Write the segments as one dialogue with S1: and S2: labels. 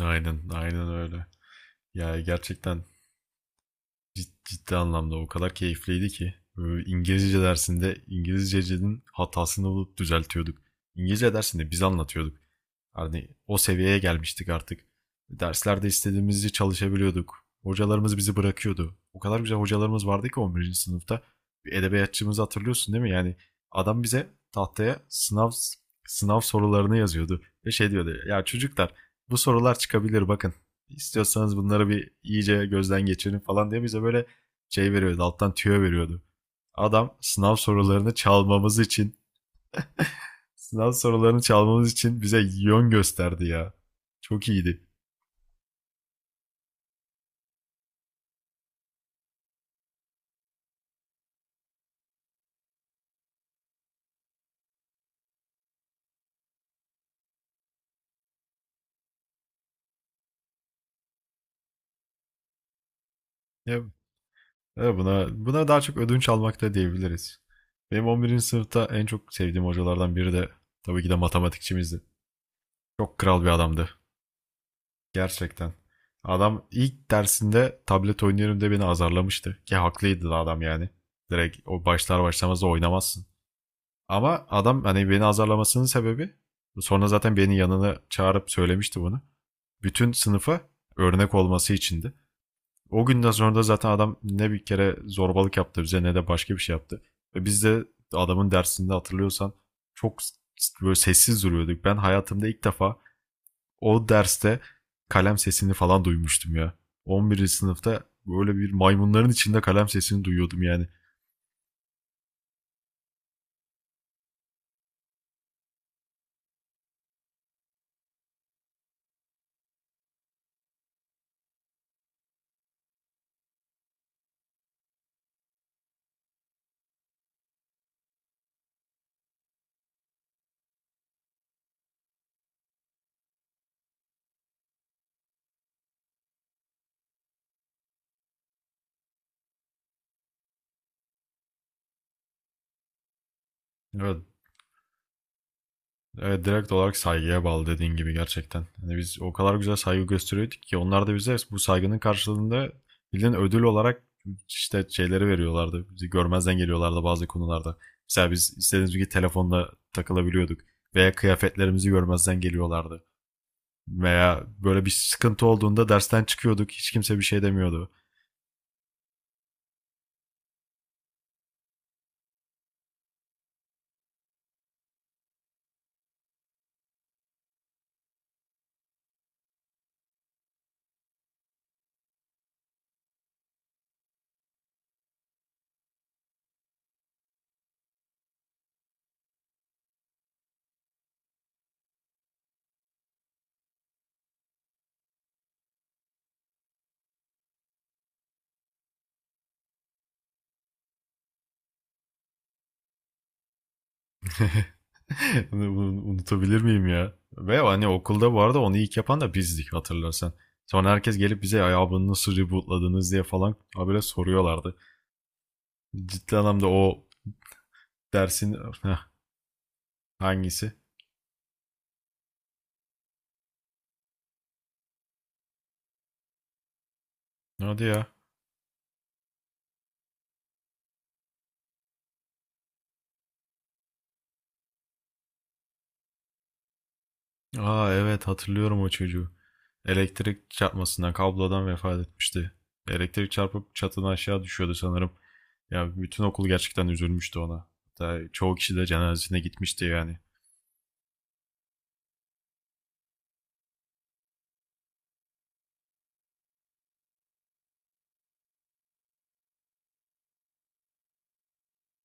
S1: Aynen, aynen öyle. Ya gerçekten ciddi anlamda o kadar keyifliydi ki. Böyle İngilizce dersinde İngilizce'nin hatasını bulup düzeltiyorduk. İngilizce dersinde biz anlatıyorduk. Hani o seviyeye gelmiştik artık. Derslerde istediğimizi çalışabiliyorduk. Hocalarımız bizi bırakıyordu. O kadar güzel hocalarımız vardı ki 11. sınıfta. Bir edebiyatçımızı hatırlıyorsun değil mi? Yani adam bize tahtaya sınav sorularını yazıyordu. Ve şey diyordu. Ya çocuklar, bu sorular çıkabilir bakın. İstiyorsanız bunları bir iyice gözden geçirin falan diye bize böyle şey veriyordu. Alttan tüyo veriyordu. Adam sınav sorularını çalmamız için. Sınav sorularını çalmamız için bize yön gösterdi ya. Çok iyiydi. Ya, ya buna daha çok ödünç almak da diyebiliriz. Benim 11. sınıfta en çok sevdiğim hocalardan biri de tabii ki de matematikçimizdi. Çok kral bir adamdı. Gerçekten. Adam ilk dersinde tablet oynuyorum diye beni azarlamıştı. Ki haklıydı da adam yani. Direkt o başlar başlamaz da oynamazsın. Ama adam hani beni azarlamasının sebebi, sonra zaten beni yanına çağırıp söylemişti bunu, bütün sınıfa örnek olması içindi. O günden sonra da zaten adam ne bir kere zorbalık yaptı bize ne de başka bir şey yaptı. Ve biz de adamın dersinde, hatırlıyorsan, çok böyle sessiz duruyorduk. Ben hayatımda ilk defa o derste kalem sesini falan duymuştum ya. 11. sınıfta böyle bir maymunların içinde kalem sesini duyuyordum yani. Evet, evet, direkt olarak saygıya bağlı dediğin gibi gerçekten. Hani biz o kadar güzel saygı gösteriyorduk ki onlar da bize bu saygının karşılığında bildiğin ödül olarak işte şeyleri veriyorlardı. Bizi görmezden geliyorlardı bazı konularda. Mesela biz istediğimiz gibi telefonla takılabiliyorduk veya kıyafetlerimizi görmezden geliyorlardı. Veya böyle bir sıkıntı olduğunda dersten çıkıyorduk. Hiç kimse bir şey demiyordu. Unutabilir miyim ya? Ve hani okulda bu arada onu ilk yapan da bizdik, hatırlarsan. Sonra herkes gelip bize ya bunu nasıl rebootladınız diye falan habire soruyorlardı. Ciddi anlamda o dersin. Heh, hangisi? Hadi ya. Aa, evet, hatırlıyorum o çocuğu. Elektrik çarpmasından, kablodan vefat etmişti. Elektrik çarpıp çatıdan aşağı düşüyordu sanırım. Ya bütün okul gerçekten üzülmüştü ona. Hatta çoğu kişi de cenazesine gitmişti yani.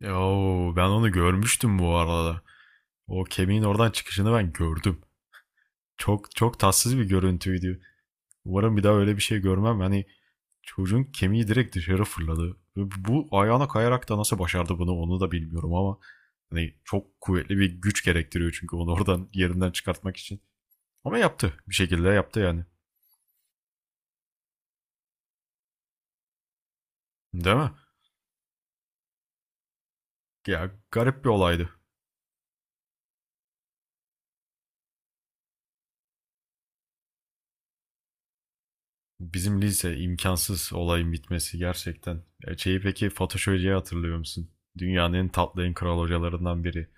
S1: Yo, ben onu görmüştüm bu arada. O kemiğin oradan çıkışını ben gördüm. Çok çok tatsız bir görüntüydü. Umarım bir daha öyle bir şey görmem. Hani çocuğun kemiği direkt dışarı fırladı. Bu ayağına kayarak da nasıl başardı bunu onu da bilmiyorum ama hani çok kuvvetli bir güç gerektiriyor çünkü onu oradan yerinden çıkartmak için. Ama yaptı. Bir şekilde yaptı yani. Değil mi? Ya garip bir olaydı. Bizim lise imkansız olayın bitmesi gerçekten. Ya şeyi peki, Fatoş Hoca'yı hatırlıyor musun? Dünyanın en tatlı, en kral hocalarından biri.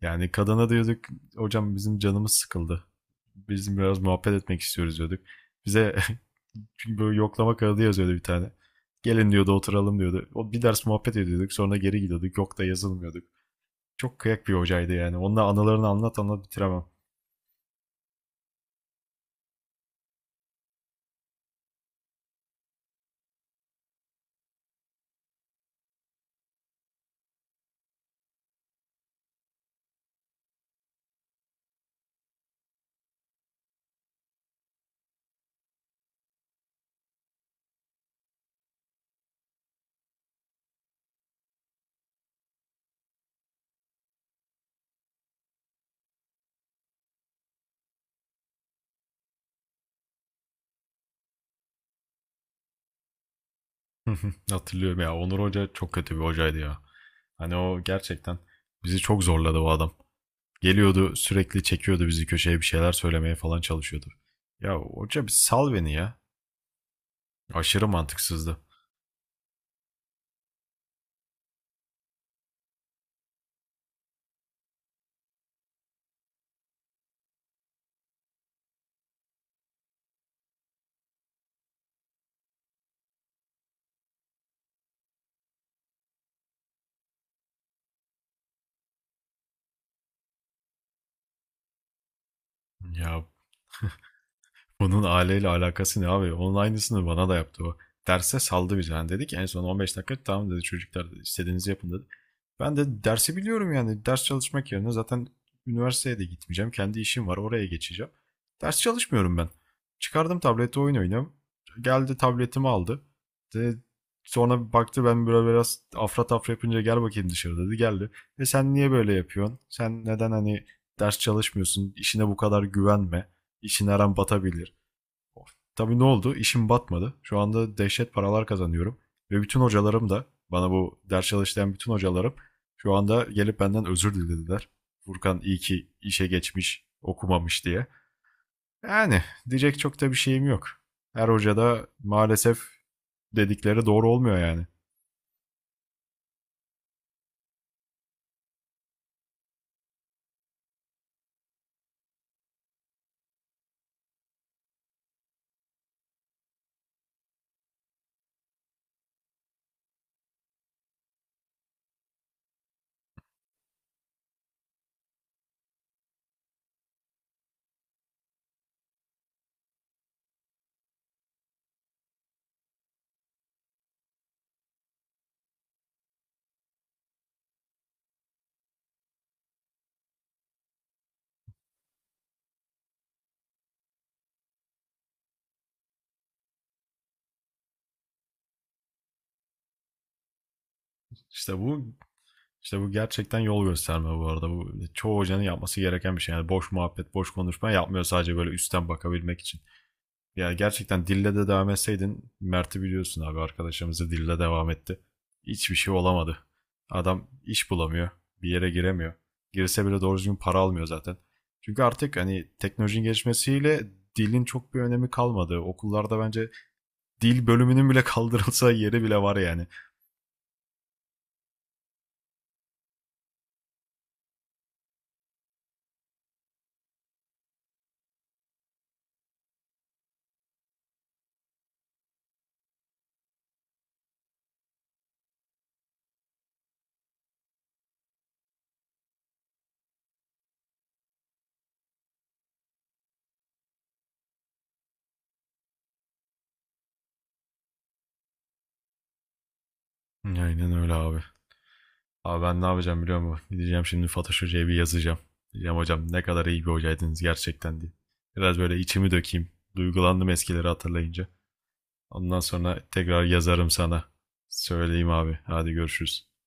S1: Yani kadına diyorduk hocam bizim canımız sıkıldı. Bizim biraz muhabbet etmek istiyoruz diyorduk. Bize, çünkü böyle yoklama kağıdı yazıyordu bir tane. Gelin diyordu, oturalım diyordu. O bir ders muhabbet ediyorduk sonra geri gidiyorduk. Yok da yazılmıyorduk. Çok kıyak bir hocaydı yani. Onunla anılarını anlat anlat bitiremem. Hatırlıyorum ya, Onur Hoca çok kötü bir hocaydı ya. Hani o gerçekten bizi çok zorladı o adam. Geliyordu sürekli çekiyordu bizi köşeye bir şeyler söylemeye falan çalışıyordu. Ya hoca bir sal beni ya. Aşırı mantıksızdı. Ya bunun aileyle alakası ne abi? Onun aynısını bana da yaptı o. Derse saldı bizi. Yani dedi en son 15 dakika, tamam dedi çocuklar istediğinizi yapın dedi. Ben de dersi biliyorum yani. Ders çalışmak yerine zaten üniversiteye de gitmeyeceğim. Kendi işim var, oraya geçeceğim. Ders çalışmıyorum ben. Çıkardım tableti oyun oynuyorum. Geldi tabletimi aldı. De, sonra bir baktı ben böyle biraz afra tafra yapınca gel bakayım dışarı dedi. Geldi. Ve sen niye böyle yapıyorsun? Sen neden hani ders çalışmıyorsun? İşine bu kadar güvenme. İşin her an batabilir. Tabii, ne oldu? İşim batmadı. Şu anda dehşet paralar kazanıyorum. Ve bütün hocalarım da bana, bu ders çalıştıran bütün hocalarım, şu anda gelip benden özür dilediler. Furkan iyi ki işe geçmiş, okumamış diye. Yani diyecek çok da bir şeyim yok. Her hoca da maalesef dedikleri doğru olmuyor yani. İşte bu işte bu gerçekten yol gösterme bu arada. Bu çoğu hocanın yapması gereken bir şey. Yani boş muhabbet, boş konuşma yapmıyor sadece böyle üstten bakabilmek için. Ya gerçekten dille de devam etseydin, Mert'i biliyorsun abi, arkadaşımızı, dille devam etti. Hiçbir şey olamadı. Adam iş bulamıyor. Bir yere giremiyor. Girse bile doğru düzgün para almıyor zaten. Çünkü artık hani teknolojinin gelişmesiyle dilin çok bir önemi kalmadı. Okullarda bence dil bölümünün bile kaldırılsa yeri bile var yani. Aynen öyle abi. Abi ben ne yapacağım biliyor musun? Gideceğim şimdi Fatoş Hoca'ya bir yazacağım. Diyeceğim hocam ne kadar iyi bir hocaydınız gerçekten diye. Biraz böyle içimi dökeyim. Duygulandım eskileri hatırlayınca. Ondan sonra tekrar yazarım sana. Söyleyeyim abi. Hadi görüşürüz.